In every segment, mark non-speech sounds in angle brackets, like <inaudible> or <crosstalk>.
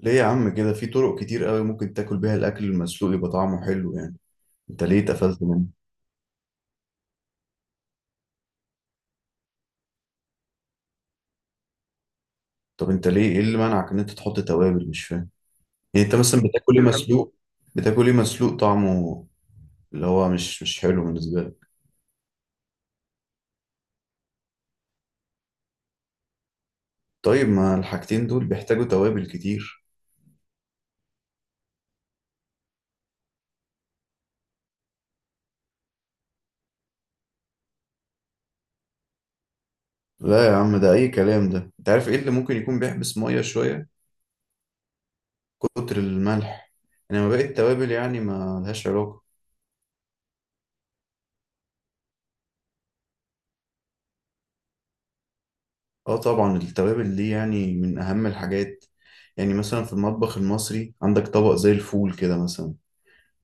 ليه يا عم كده، في طرق كتير قوي ممكن تاكل بيها الاكل المسلوق يبقى طعمه حلو يعني. انت ليه اتقفلت منه؟ طب انت ليه، ايه اللي منعك ان انت تحط توابل؟ مش فاهم. يعني انت مثلا بتاكل ايه؟ مسلوق؟ بتاكل ايه مسلوق طعمه اللي هو مش حلو بالنسبه لك؟ طيب ما الحاجتين دول بيحتاجوا توابل كتير. لا يا عم، ده اي كلام ده. انت عارف ايه اللي ممكن يكون بيحبس ميه شويه؟ كتر الملح. انما باقي التوابل يعني ما لهاش علاقه. اه طبعا، التوابل دي يعني من اهم الحاجات. يعني مثلا في المطبخ المصري عندك طبق زي الفول كده مثلا،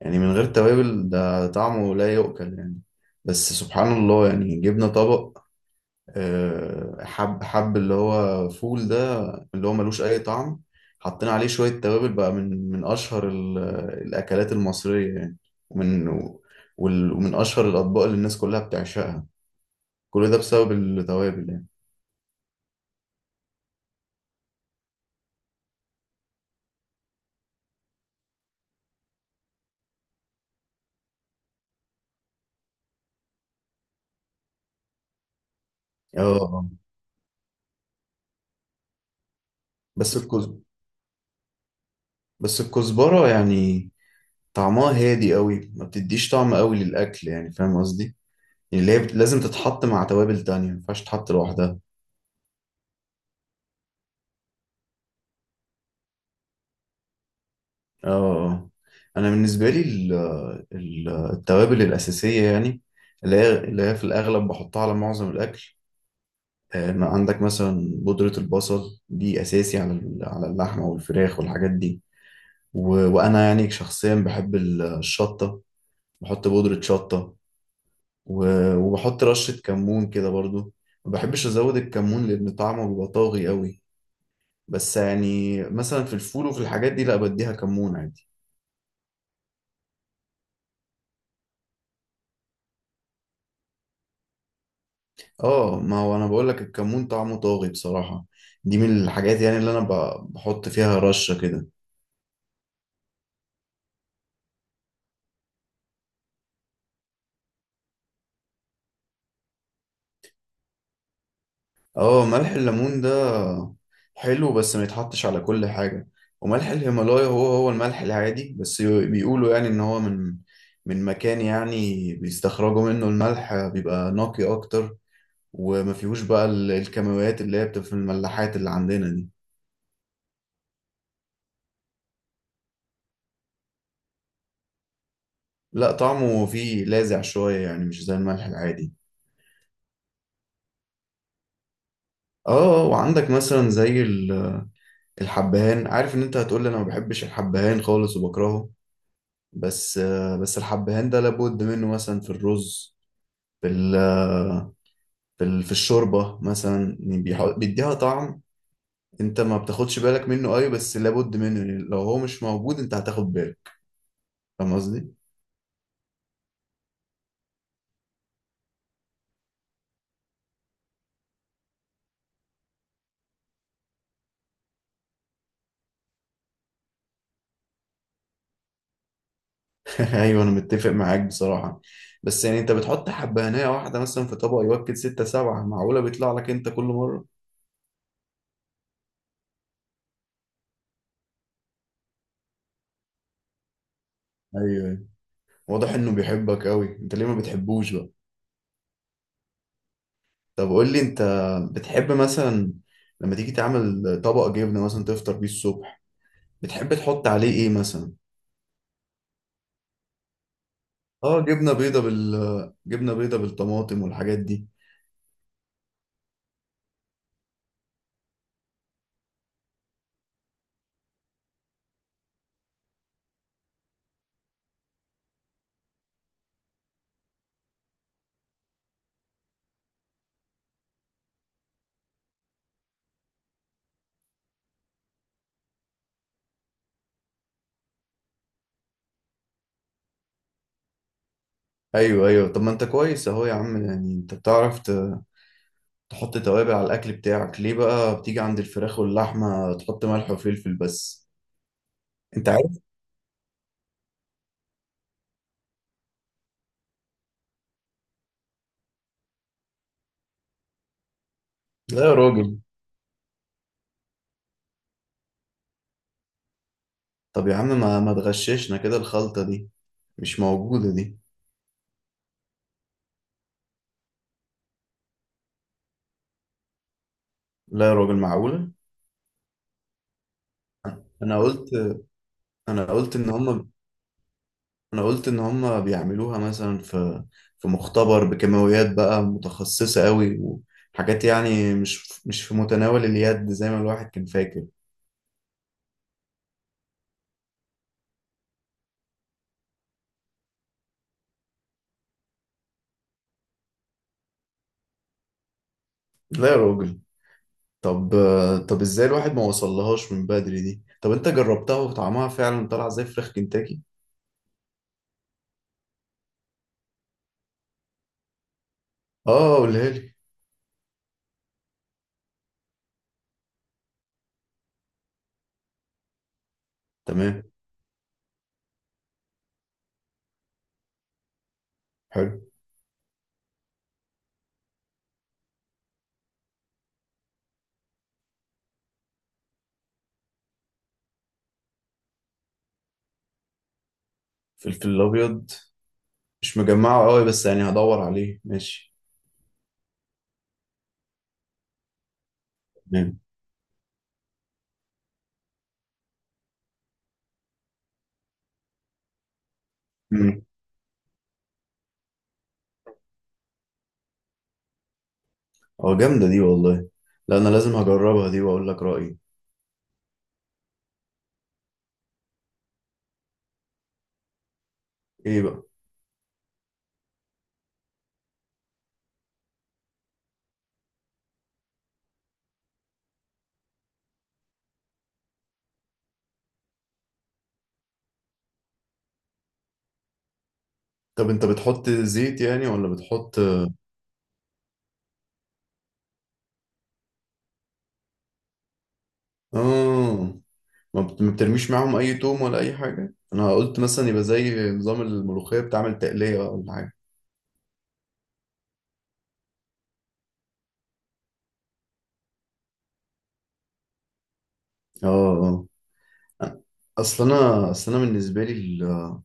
يعني من غير توابل ده طعمه لا يؤكل يعني. بس سبحان الله، يعني جبنا طبق حب اللي هو فول ده، اللي هو ملوش اي طعم، حطينا عليه شوية توابل بقى، من اشهر الاكلات المصرية يعني. ومن ومن اشهر الاطباق اللي الناس كلها بتعشقها، كل ده بسبب التوابل يعني. اه. آه. بس الكزبرة، بس الكزبرة يعني طعمها هادي قوي، ما بتديش طعم قوي للأكل يعني، فاهم قصدي؟ يعني اللي هي لازم تتحط مع توابل تانية، ما ينفعش تتحط لوحدها. اه. آه. انا بالنسبة لي التوابل الأساسية يعني، اللي هي في الأغلب بحطها على معظم الأكل، ما عندك مثلا بودرة البصل دي أساسي على على اللحمة والفراخ والحاجات دي. وأنا يعني شخصيا بحب الشطة، بحط بودرة شطة. وبحط رشة كمون كده برضو. ما بحبش أزود الكمون لأن طعمه بيبقى طاغي قوي، بس يعني مثلا في الفول وفي الحاجات دي لا، بديها كمون عادي. اه ما هو أنا بقولك الكمون طعمه طاغي بصراحة، دي من الحاجات يعني اللي أنا بحط فيها رشة كده. اه ملح الليمون ده حلو، بس ما يتحطش على كل حاجة. وملح الهيمالايا هو هو الملح العادي، بس بيقولوا يعني إن هو من من مكان يعني بيستخرجوا منه الملح بيبقى نقي أكتر، وما فيهوش بقى الكيماويات اللي هي بتبقى في الملاحات اللي عندنا دي. لا طعمه فيه لاذع شوية يعني، مش زي الملح العادي. اه. آه، وعندك مثلا زي الحبهان. عارف ان انت هتقول لي انا ما بحبش الحبهان خالص وبكرهه، بس بس الحبهان ده لابد منه مثلا في الرز، في في في الشوربة مثلا، يعني بيديها طعم. انت ما بتاخدش بالك منه اي، بس لابد منه يعني. لو هو مش موجود انت هتاخد بالك، فاهم قصدي؟ ايوه انا متفق معاك بصراحه، بس يعني انت بتحط حبهانيه واحده مثلا في طبق يوكل ستة سبعة، معقوله بيطلع لك انت كل مره؟ ايوه. واضح انه بيحبك قوي، انت ليه ما بتحبوش بقى؟ طب قول لي انت، بتحب مثلا لما تيجي تعمل طبق جبنه مثلا تفطر بيه الصبح، بتحب تحط عليه ايه مثلا؟ اه جبنه بيضه، بال جبنه بيضه بالطماطم والحاجات دي. ايوه ايوه. طب ما انت كويس اهو يا عم، يعني انت بتعرف تحط توابل على الاكل بتاعك، ليه بقى بتيجي عند الفراخ واللحمه تحط ملح وفلفل بس؟ انت عارف؟ لا يا راجل. طب يا عم ما تغششنا كده الخلطه دي، مش موجوده دي. لا يا راجل، معقوله! انا قلت انا قلت ان هم انا قلت ان هم بيعملوها مثلا في في مختبر بكيماويات بقى متخصصه قوي، وحاجات يعني مش في متناول اليد زي ما الواحد كان فاكر. لا يا راجل. طب طب ازاي الواحد ما وصلهاش من بدري دي؟ طب انت جربتها وطعمها فعلا طلع زي فراخ كنتاكي؟ اه قولها لي. تمام. حلو. فلفل الابيض مش مجمعه قوي، بس يعني هدور عليه، ماشي. تمام. امم. اه جامده دي والله، لا انا لازم هجربها دي واقول لك رايي. ايه بقى؟ طب انت بتحط زيت يعني ولا بتحط؟ اه، ما بت- ما بترميش معاهم اي توم ولا اي حاجه؟ انا قلت مثلا يبقى زي نظام الملوخيه بتعمل تقليه ولا حاجه. اه. اه. اصل انا بالنسبه لي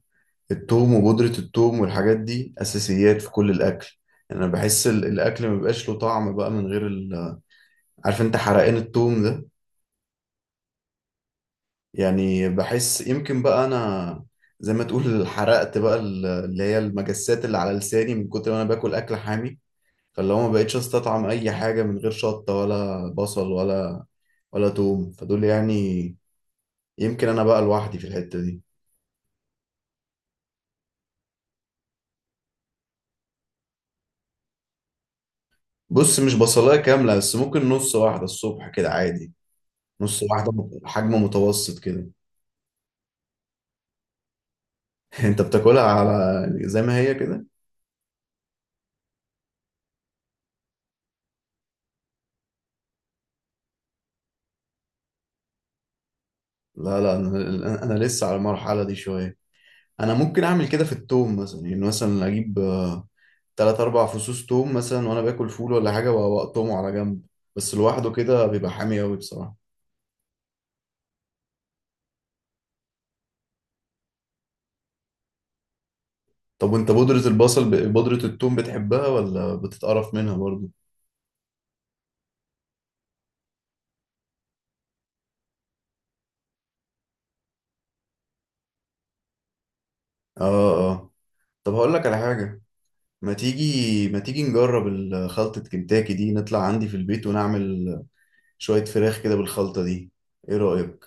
التوم وبودره التوم والحاجات دي اساسيات في كل الاكل. يعني انا بحس الاكل ما بيبقاش له طعم بقى من غير عارف انت حرقان التوم ده؟ يعني بحس يمكن بقى انا، زي ما تقول حرقت بقى اللي هي المجسات اللي على لساني من كتر ما انا باكل اكل حامي، فاللي هو ما بقتش استطعم اي حاجه من غير شطه ولا بصل ولا توم، فدول يعني يمكن انا بقى لوحدي في الحته دي. بص مش بصلاية كاملة، بس ممكن نص واحدة الصبح كده عادي. نص واحدة، حجم متوسط كده. <laughs> انت بتاكلها على، يعني زي ما هي كده؟ لا لا، انا لسه على المرحلة دي شوية. انا ممكن اعمل كده في التوم مثلا، يعني مثلا اجيب تلات اربع فصوص توم مثلا وانا باكل فول ولا حاجة واقطمه على جنب، بس لوحده كده بيبقى حامي قوي بصراحة. طب وانت بودرة البصل، بودرة التوم بتحبها ولا بتتقرف منها برضو؟ اه. اه. طب هقول لك على حاجة، ما تيجي نجرب خلطة كنتاكي دي، نطلع عندي في البيت ونعمل شوية فراخ كده بالخلطة دي، ايه رأيك؟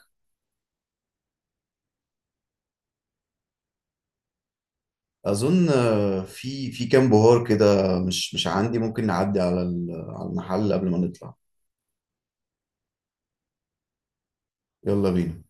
اظن آه، في في كام بهار كده مش عندي، ممكن نعدي على على المحل قبل ما نطلع. يلا بينا.